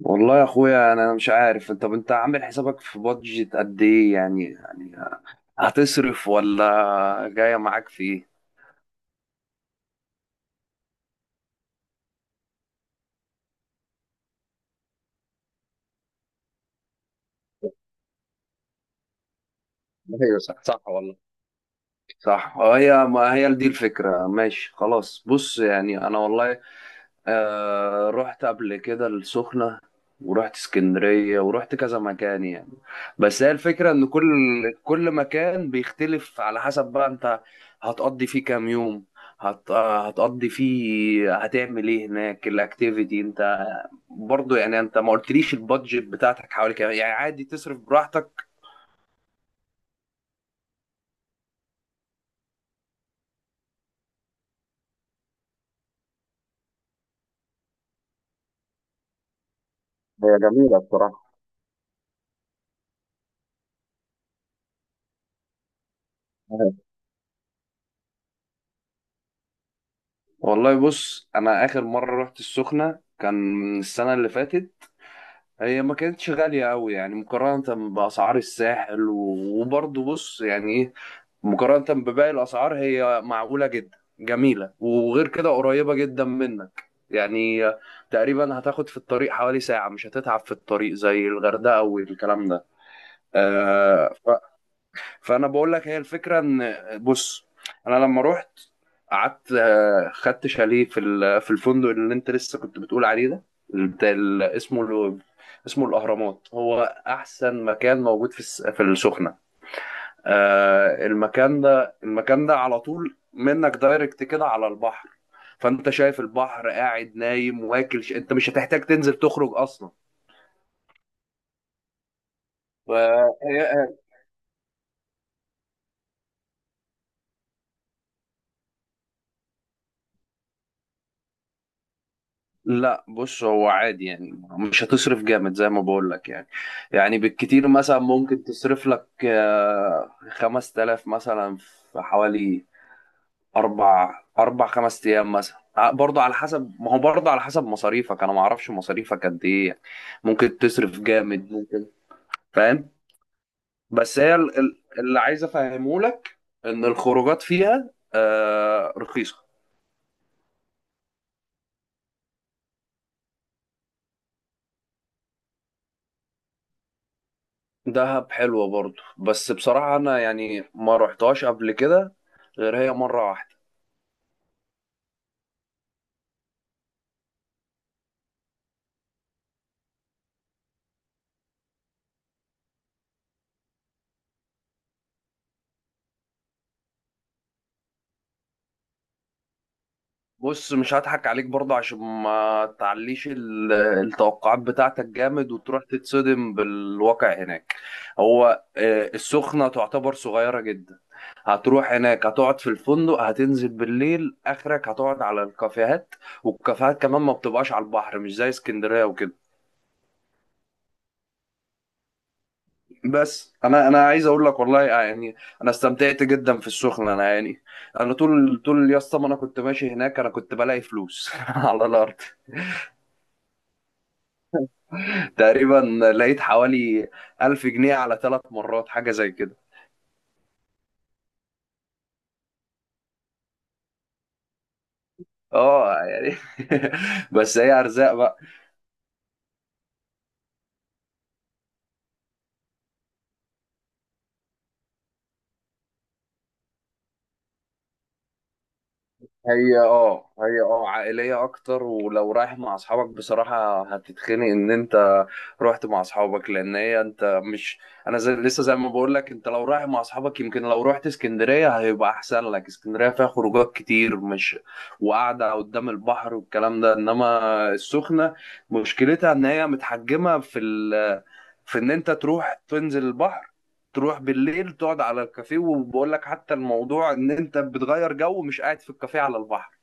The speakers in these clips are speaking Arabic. والله يا اخويا انا مش عارف. طب انت عامل حسابك في بادجت قد ايه؟ يعني هتصرف ولا جايه معاك في ايه؟ ايوه صح صح والله صح. هي ما هي دي الفكره. ماشي خلاص، بص يعني انا والله رحت قبل كده السخنة، ورحت اسكندرية، ورحت كذا مكان يعني. بس هي الفكرة ان كل مكان بيختلف على حسب بقى انت هتقضي فيه كام يوم، هتقضي فيه هتعمل ايه هناك، الاكتيفيتي. انت برضو يعني انت ما قلتليش البادجت بتاعتك حوالي كام؟ يعني عادي تصرف براحتك. هي جميلة بصراحة. والله بص، انا اخر مرة رحت السخنة كان السنة اللي فاتت. هي ما كانتش غالية أوي يعني مقارنة بأسعار الساحل وبرضه بص يعني إيه، مقارنة بباقي الأسعار هي معقولة جدا، جميلة، وغير كده قريبة جدا منك يعني. تقريبا هتاخد في الطريق حوالي ساعة، مش هتتعب في الطريق زي الغردقة والكلام ده. آه. فانا بقول لك هي الفكره ان بص، انا لما رحت قعدت خدت شاليه في في الفندق اللي انت لسه كنت بتقول عليه ده، بتاع اسمه اسمه الاهرامات. هو احسن مكان موجود في في السخنه. المكان ده، المكان ده على طول منك دايركت كده على البحر. فانت شايف البحر، قاعد نايم واكل انت مش هتحتاج تنزل تخرج اصلا. فهي. لا بص، هو عادي يعني مش هتصرف جامد زي ما بقول لك يعني. يعني بالكتير مثلا ممكن تصرف لك خمس تلاف مثلا في حوالي أربع خمس أيام مثلا، برضه على حسب، ما هو برضه على حسب مصاريفك، أنا ما أعرفش مصاريفك قد إيه يعني. ممكن تصرف جامد، ممكن. فاهم. بس هي اللي عايز أفهمه لك إن الخروجات فيها رخيصة. دهب حلوة برضو، بس بصراحة أنا يعني ما رحتهاش قبل كده غير هي مرة واحدة. بص مش هضحك عليك برضو عشان ما تعليش التوقعات بتاعتك جامد وتروح تتصدم بالواقع هناك. هو السخنة تعتبر صغيرة جدا. هتروح هناك هتقعد في الفندق، هتنزل بالليل آخرك هتقعد على الكافيهات، والكافيهات كمان ما بتبقاش على البحر، مش زي اسكندرية وكده. بس انا عايز اقول لك والله يعني انا استمتعت جدا في السخنه. انا يعني انا طول يا اسطى ما انا كنت ماشي هناك انا كنت بلاقي فلوس على الارض. تقريبا لقيت حوالي 1000 جنيه على ثلاث مرات، حاجه زي كده. اه يعني بس هي ارزاق بقى. هي عائلية أكتر، ولو رايح مع أصحابك بصراحة هتتخنق. إن أنت رحت مع أصحابك لأن هي أنت مش، أنا زي لسه زي ما بقول لك، أنت لو رايح مع أصحابك يمكن لو رحت اسكندرية هيبقى أحسن لك. اسكندرية فيها خروجات كتير، مش وقعدة قدام البحر والكلام ده. إنما السخنة مشكلتها إن هي متحجمة في في إن أنت تروح تنزل البحر، تروح بالليل تقعد على الكافيه، وبقول لك حتى الموضوع ان انت بتغير جو، مش قاعد في الكافيه على البحر.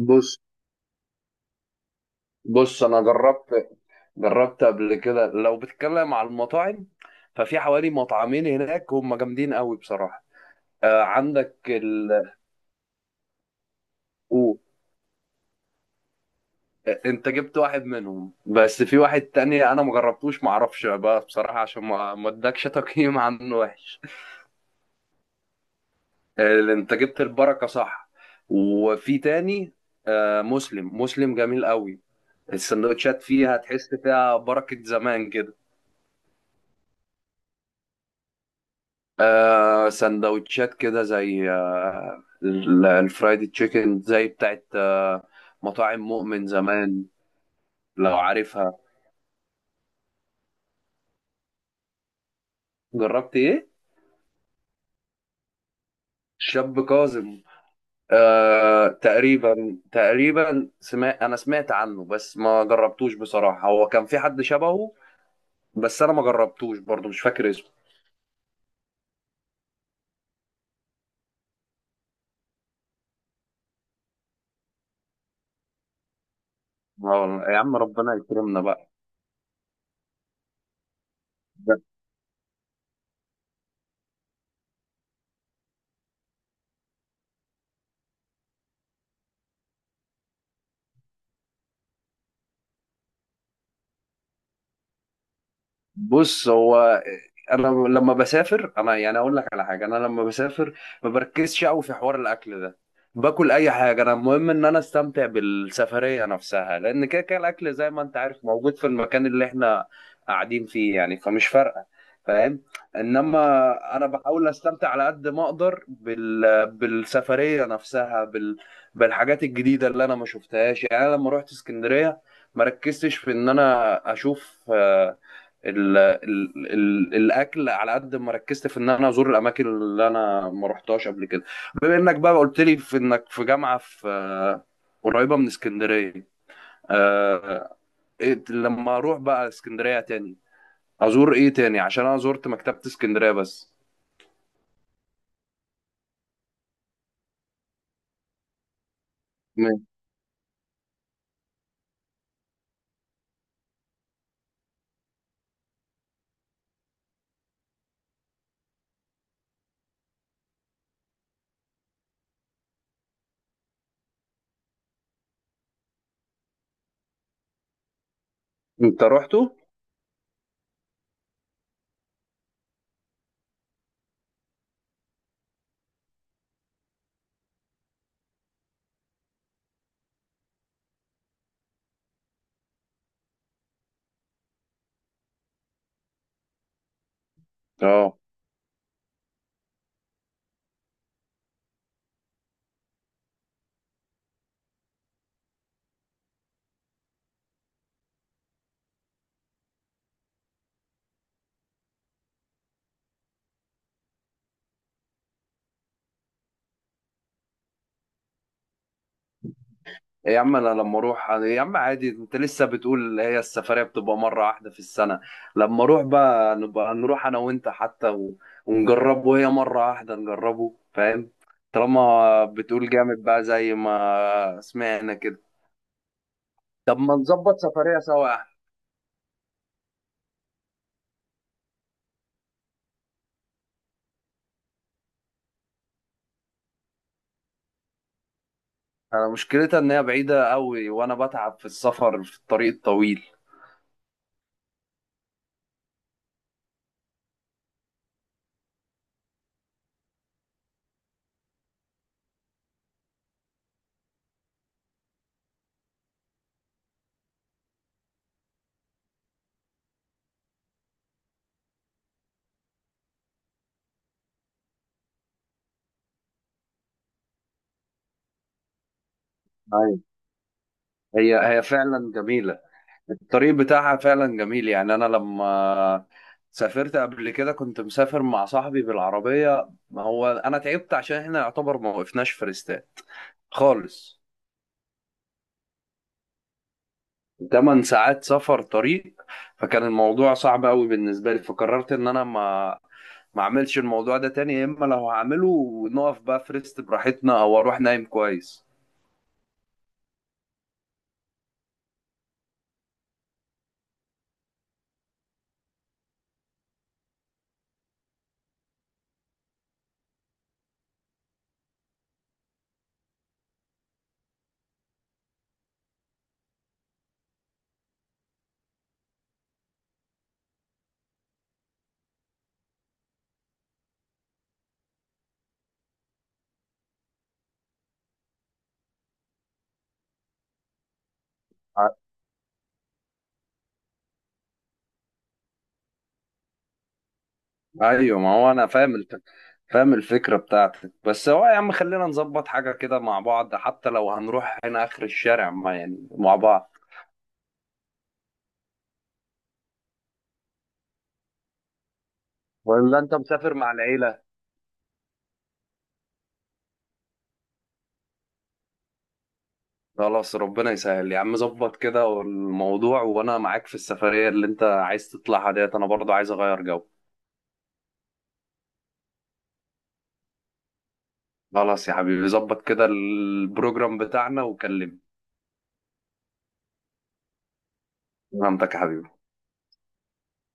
بص. بص انا جربت قبل كده، لو بتتكلم على المطاعم، ففي حوالي مطعمين هناك هم جامدين قوي بصراحة. آه عندك ال. أوه. آه، انت جبت واحد منهم، بس في واحد تاني انا مجربتوش، معرفش بقى بصراحة عشان ما ادكش تقييم عنه وحش. آه، انت جبت البركة صح، وفي تاني، آه، مسلم جميل قوي. السندوتشات فيها تحس فيها بركة زمان كده. آه سندوتشات كده زي آه الفرايدي تشيكن زي بتاعت آه مطاعم مؤمن زمان لو عارفها. جربت ايه؟ شاب كاظم. آه تقريبا سمعت، انا سمعت عنه بس ما جربتوش بصراحة. هو كان في حد شبهه، بس انا ما جربتوش برضه، مش فاكر اسمه. آه، يا عم ربنا يكرمنا بقى. بص هو، انا لما بسافر انا يعني اقول لك على حاجه، انا لما بسافر ما بركزش قوي في حوار الاكل ده. باكل اي حاجه، انا المهم ان انا استمتع بالسفريه نفسها، لان كده كده الاكل زي ما انت عارف موجود في المكان اللي احنا قاعدين فيه يعني، فمش فارقه. فاهم. انما انا بحاول استمتع على قد ما اقدر بالسفريه نفسها، بالحاجات الجديده اللي انا ما شفتهاش. يعني انا لما رحت اسكندريه ما ركزتش في ان انا اشوف ال ال ال الاكل على قد ما ركزت في ان انا ازور الاماكن اللي انا ما رحتهاش قبل كده. بما انك بقى قلت لي في انك في جامعه في قريبه من اسكندريه، آه، لما اروح بقى اسكندريه تاني ازور ايه تاني؟ عشان انا زرت مكتبه اسكندريه بس. م- انت رحته؟ اه. إيه يا عم انا لما اروح يا عم عادي، انت لسه بتقول هي السفريه بتبقى مره واحده في السنه. لما اروح بقى نبقى نروح انا وانت حتى و... ونجربه. هي مره واحده نجربه، فاهم. طالما بتقول جامد بقى زي ما سمعنا كده. طب ما نظبط سفريه سوا يا احمد. انا مشكلتها ان هي بعيده قوي، وانا بتعب في السفر في الطريق الطويل. أيوة. هي فعلا جميله، الطريق بتاعها فعلا جميل. يعني انا لما سافرت قبل كده كنت مسافر مع صاحبي بالعربية، ما هو انا تعبت عشان احنا يعتبر ما وقفناش في ريستات خالص. 8 ساعات سفر طريق. فكان الموضوع صعب قوي بالنسبة لي، فقررت ان انا ما اعملش الموضوع ده تاني، يا اما لو هعمله نقف بقى في ريست براحتنا، او اروح نايم كويس. ايوه ما هو انا فاهم الفكره بتاعتك. بس هو يا عم خلينا نظبط حاجه كده مع بعض، حتى لو هنروح هنا اخر الشارع، ما يعني مع بعض. ولا انت مسافر مع العيله؟ خلاص ربنا يسهل يا عم، ظبط كده الموضوع وانا معاك في السفريه اللي انت عايز تطلعها ديت انا برضو عايز اغير جو. خلاص يا حبيبي ظبط كده البروجرام بتاعنا وكلمني. فهمتك يا حبيبي.